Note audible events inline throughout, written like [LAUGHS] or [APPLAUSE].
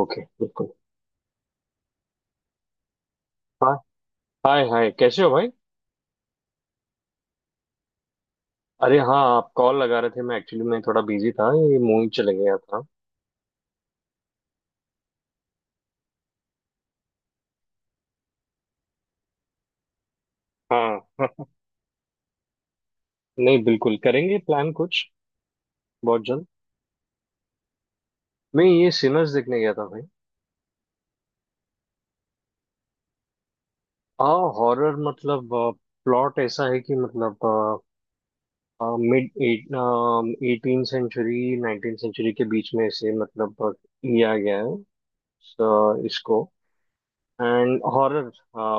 Okay, बिल्कुल। हाँ, hi hi, कैसे हो भाई। अरे हाँ, आप कॉल लगा रहे थे। मैं एक्चुअली मैं थोड़ा बिजी था, ये मूवी चले गया था। हाँ हाँ। नहीं बिल्कुल, करेंगे प्लान कुछ बहुत जल्द। मैं ये सिनर्स देखने गया था भाई। हाँ हॉरर, मतलब प्लॉट ऐसा है कि मतलब mid eighteen century nineteen century के बीच में से मतलब लिया गया है। इसको एंड हॉरर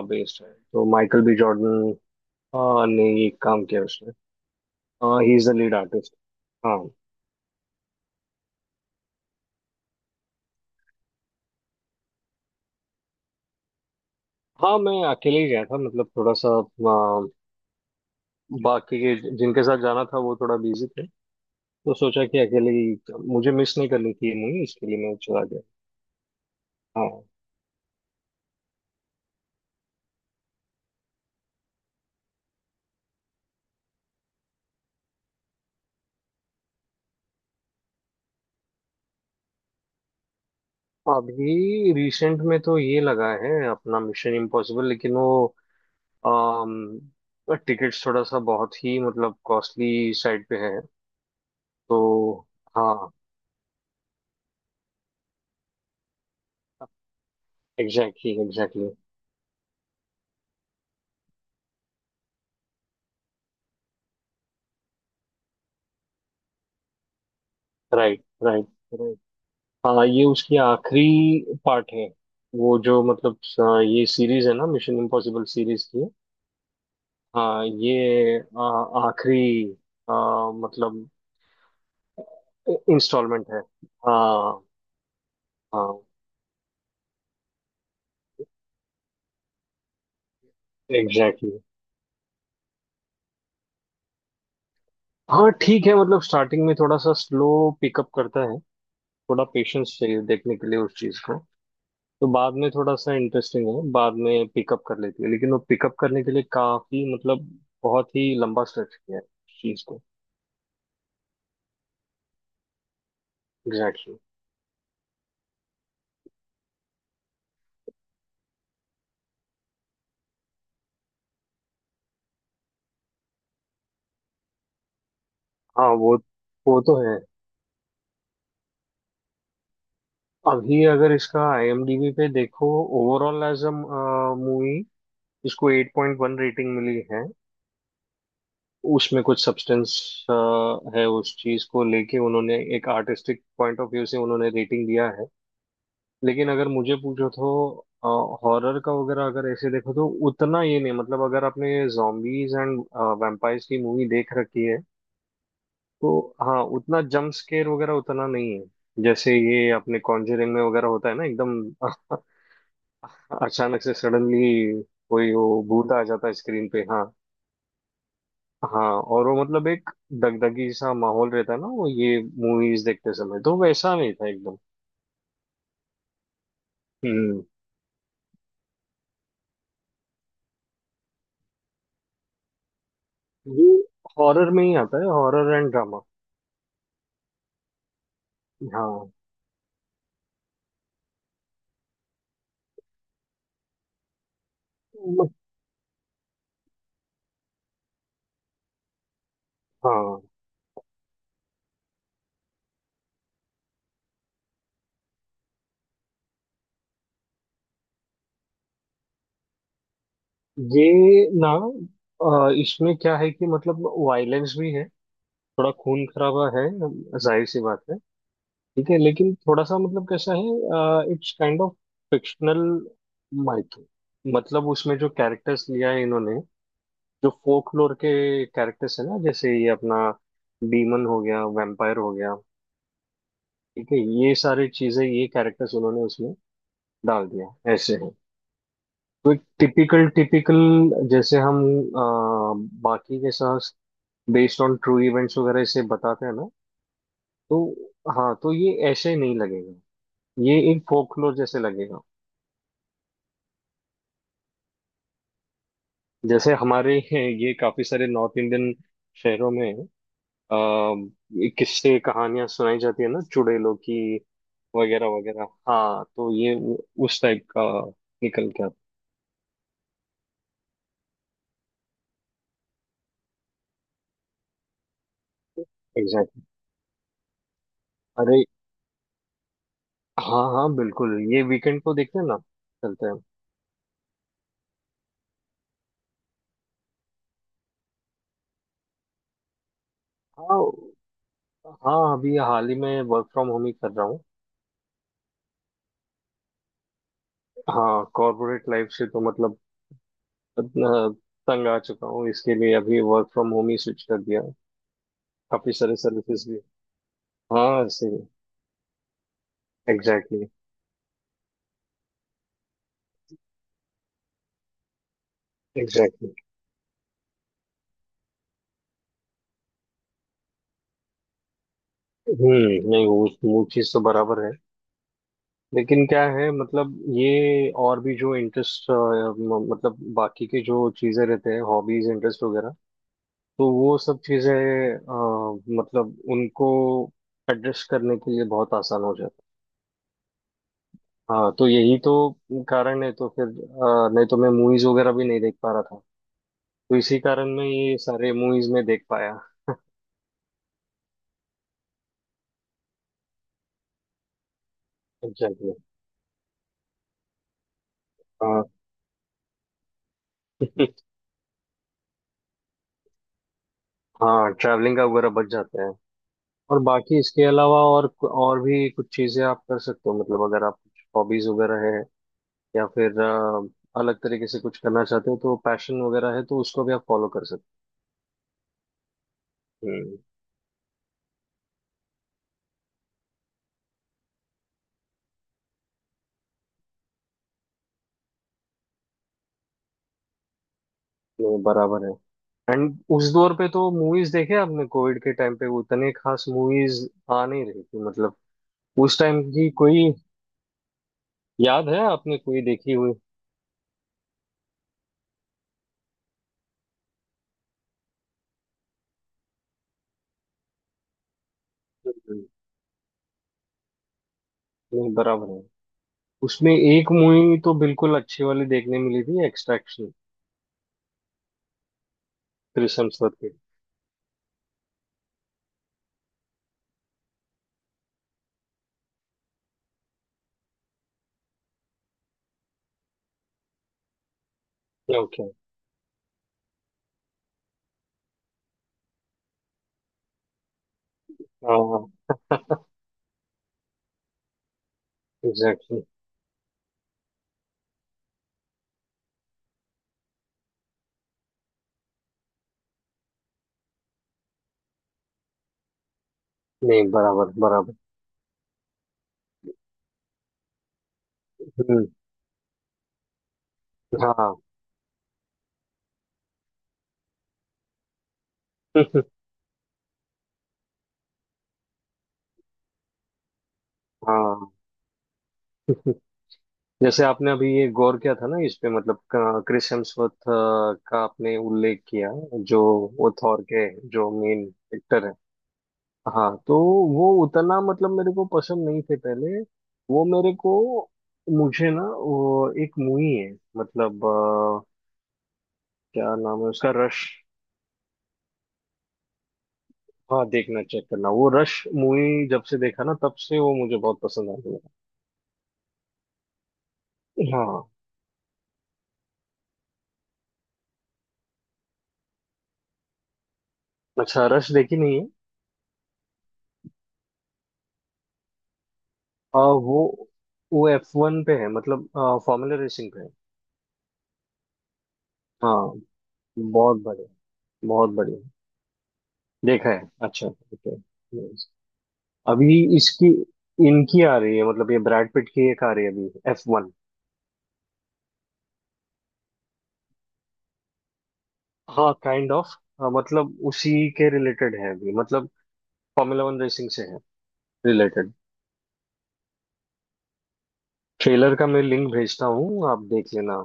बेस्ड है, तो माइकल बी जॉर्डन ने ये काम किया उसने। हाँ, he is the lead artist. हाँ हाँ, मैं अकेले ही गया था, मतलब थोड़ा सा बाकी के जिनके साथ जाना था वो थोड़ा बिजी थे। तो सोचा कि अकेले ही, मुझे मिस नहीं करनी थी ये मूवी, इसके लिए मैं चला गया। हाँ। अभी रिसेंट में तो ये लगा है अपना मिशन इम्पॉसिबल, लेकिन वो टिकट्स थोड़ा सा बहुत ही मतलब कॉस्टली साइड पे है तो। हाँ, एग्जैक्टली एग्जैक्टली। Right right. हाँ, ये उसकी आखिरी पार्ट है, वो जो मतलब ये सीरीज है ना मिशन इम्पॉसिबल सीरीज की। हाँ, ये आखिरी मतलब इंस्टॉलमेंट है। हाँ। हाँ, एग्जैक्टली exactly. हाँ ठीक है, मतलब स्टार्टिंग में थोड़ा सा स्लो पिकअप करता है। थोड़ा पेशेंस चाहिए देखने के लिए उस चीज को। तो बाद में थोड़ा सा इंटरेस्टिंग है, बाद में पिकअप कर लेती है, लेकिन वो पिकअप करने के लिए काफी मतलब बहुत ही लंबा स्ट्रेच किया है उस चीज को। एग्जैक्टली। हाँ वो तो है। अभी अगर इसका आईएमडीबी पे देखो, ओवरऑल एज अ मूवी, इसको 8.1 रेटिंग मिली है। उसमें कुछ सब्सटेंस है, उस चीज को लेके उन्होंने एक आर्टिस्टिक पॉइंट ऑफ व्यू से उन्होंने रेटिंग दिया है। लेकिन अगर मुझे पूछो तो हॉरर का वगैरह अगर ऐसे देखो तो उतना ये नहीं, मतलब अगर आपने जॉम्बीज एंड वैम्पायर्स की मूवी देख रखी है। तो हाँ, उतना जंप स्केयर वगैरह उतना नहीं है जैसे ये अपने कॉन्जरिंग में वगैरह होता है ना एकदम। [LAUGHS] अचानक से सडनली कोई वो भूत आ जाता है स्क्रीन पे। हाँ। हाँ, और वो मतलब एक दगदगी सा माहौल रहता है ना वो, ये मूवीज देखते समय तो वैसा नहीं था एकदम। हम्म, ये हॉरर में ही आता है। Horror and drama. हाँ। मत- हाँ, ये ना इसमें क्या है कि मतलब वायलेंस भी है। थोड़ा खून खराबा है, जाहिर सी बात है। ठीक है, लेकिन थोड़ा सा मतलब कैसा है, it's kind of fictional mytho, मतलब उसमें जो कैरेक्टर्स लिया है इन्होंने। जो फोकलोर के कैरेक्टर्स है ना, जैसे ये अपना डीमन हो गया, वैम्पायर हो गया। ठीक है, ये सारी चीजें ये कैरेक्टर्स उन्होंने उसमें डाल दिया, ऐसे है। तो एक टिपिकल टिपिकल, जैसे हम बाकी के साथ बेस्ड ऑन ट्रू इवेंट्स वगैरह इसे बताते हैं ना। तो हाँ, तो ये ऐसे नहीं लगेगा, ये एक फोकलोर जैसे लगेगा। जैसे हमारे ये काफी सारे नॉर्थ इंडियन शहरों में अ, किस्से कहानियां सुनाई जाती है ना चुड़ैलों की वगैरह वगैरह। हाँ तो ये उस टाइप का निकल के आता है। एग्जैक्टली। अरे हाँ हाँ बिल्कुल, ये वीकेंड को देखते हैं ना, चलते हैं। हाँ हाँ, अभी हाल ही में वर्क फ्रॉम होम ही कर रहा हूँ। हाँ, कॉर्पोरेट लाइफ से तो मतलब इतना तंग आ चुका हूँ, इसके लिए अभी वर्क फ्रॉम होम ही स्विच कर दिया। काफी सारे सर्विसेज भी। हाँ सही। Exactly exactly exactly. हम्म, नहीं वो चीज तो बराबर है, लेकिन क्या है मतलब ये और भी जो इंटरेस्ट, मतलब बाकी के जो चीजें रहते हैं हॉबीज इंटरेस्ट वगैरह। तो वो सब चीजें मतलब उनको एड्रेस करने के लिए बहुत आसान हो जाता है। हाँ तो यही तो कारण है, तो फिर नहीं तो मैं मूवीज वगैरह भी नहीं देख पा रहा था। तो इसी कारण मैं ये सारे मूवीज में देख पाया। Exactly exactly. हाँ। [LAUGHS] हाँ, ट्रैवलिंग का वगैरह बच जाता है। और बाकी इसके अलावा और भी कुछ चीजें आप कर सकते हो मतलब, अगर आप कुछ हॉबीज वगैरह हैं। या फिर अलग तरीके से कुछ करना चाहते हो, तो पैशन वगैरह है तो उसको भी आप फॉलो कर सकते हो। हम्म, ये बराबर है। एंड उस दौर पे तो मूवीज देखे आपने कोविड के टाइम पे, उतने खास मूवीज आ नहीं रही थी मतलब। उस टाइम की कोई याद है आपने, कोई देखी हुई? हम्म, नहीं बराबर है। उसमें एक मूवी तो बिल्कुल अच्छी वाली देखने मिली थी, एक्सट्रैक्शन, थ्रिसम के। ओके। हाँ हाँ, एग्जैक्टली exactly. नहीं बराबर बराबर। हम्म। हाँ। [LAUGHS] हाँ। [LAUGHS] जैसे आपने अभी ये गौर किया था ना इस पे, मतलब क्रिस हेम्सवर्थ का आपने उल्लेख किया, जो वो थॉर के जो मेन एक्टर है। हाँ तो वो उतना मतलब मेरे को पसंद नहीं थे पहले, वो मेरे को मुझे ना, वो एक मूवी है मतलब क्या नाम है उसका, रश। हाँ, देखना, चेक करना वो रश मूवी, जब से देखा ना तब से वो मुझे बहुत पसंद आ गया। हाँ। अच्छा, रश देखी नहीं है? आ, वो वो F1 पे है, मतलब फॉर्मूला रेसिंग पे है। हाँ, बहुत बढ़िया। बहुत बढ़िया, देखा है। अच्छा ठीक है। Yes. अभी इसकी इनकी आ रही है, मतलब ये ब्रैड पिट की एक आ रही है अभी, F1। हाँ, काइंड ऑफ, मतलब उसी के रिलेटेड है अभी, मतलब फॉर्मूला वन रेसिंग से है, रिलेटेड। ट्रेलर का मैं लिंक भेजता हूँ, आप देख लेना।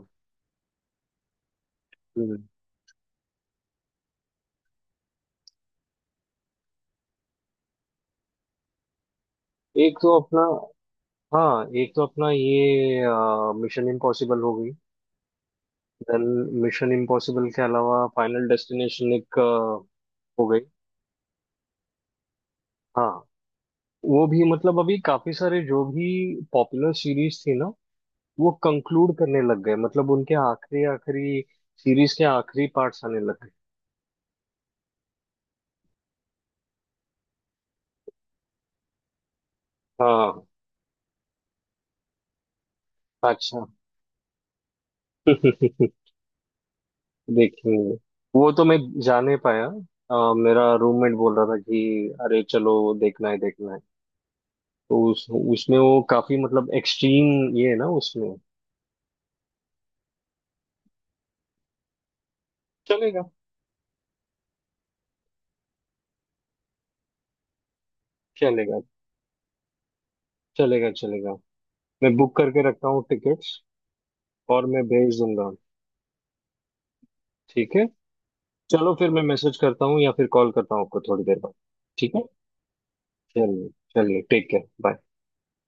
हम्म। एक तो अपना हाँ एक तो अपना ये मिशन इम्पॉसिबल हो गई। देन मिशन इम्पॉसिबल के अलावा फाइनल डेस्टिनेशन एक हो गई। हाँ। वो भी मतलब, अभी काफी सारे जो भी पॉपुलर सीरीज थी ना वो कंक्लूड करने लग गए, मतलब उनके आखिरी आखिरी सीरीज के आखिरी पार्ट्स आने लग गए। हाँ, अच्छा। [LAUGHS] देखेंगे। वो तो मैं जा नहीं पाया, मेरा रूममेट बोल रहा था कि अरे चलो देखना है देखना है। तो उस उसमें वो काफी मतलब एक्सट्रीम ये है ना उसमें। चलेगा। चलेगा चलेगा चलेगा। मैं बुक करके रखता हूँ टिकट्स और मैं भेज दूंगा। ठीक है। चलो फिर, मैं मैसेज करता हूँ या फिर कॉल करता हूँ आपको थोड़ी देर बाद। ठीक है। चलिए। चलिए, टेक केयर। बाय।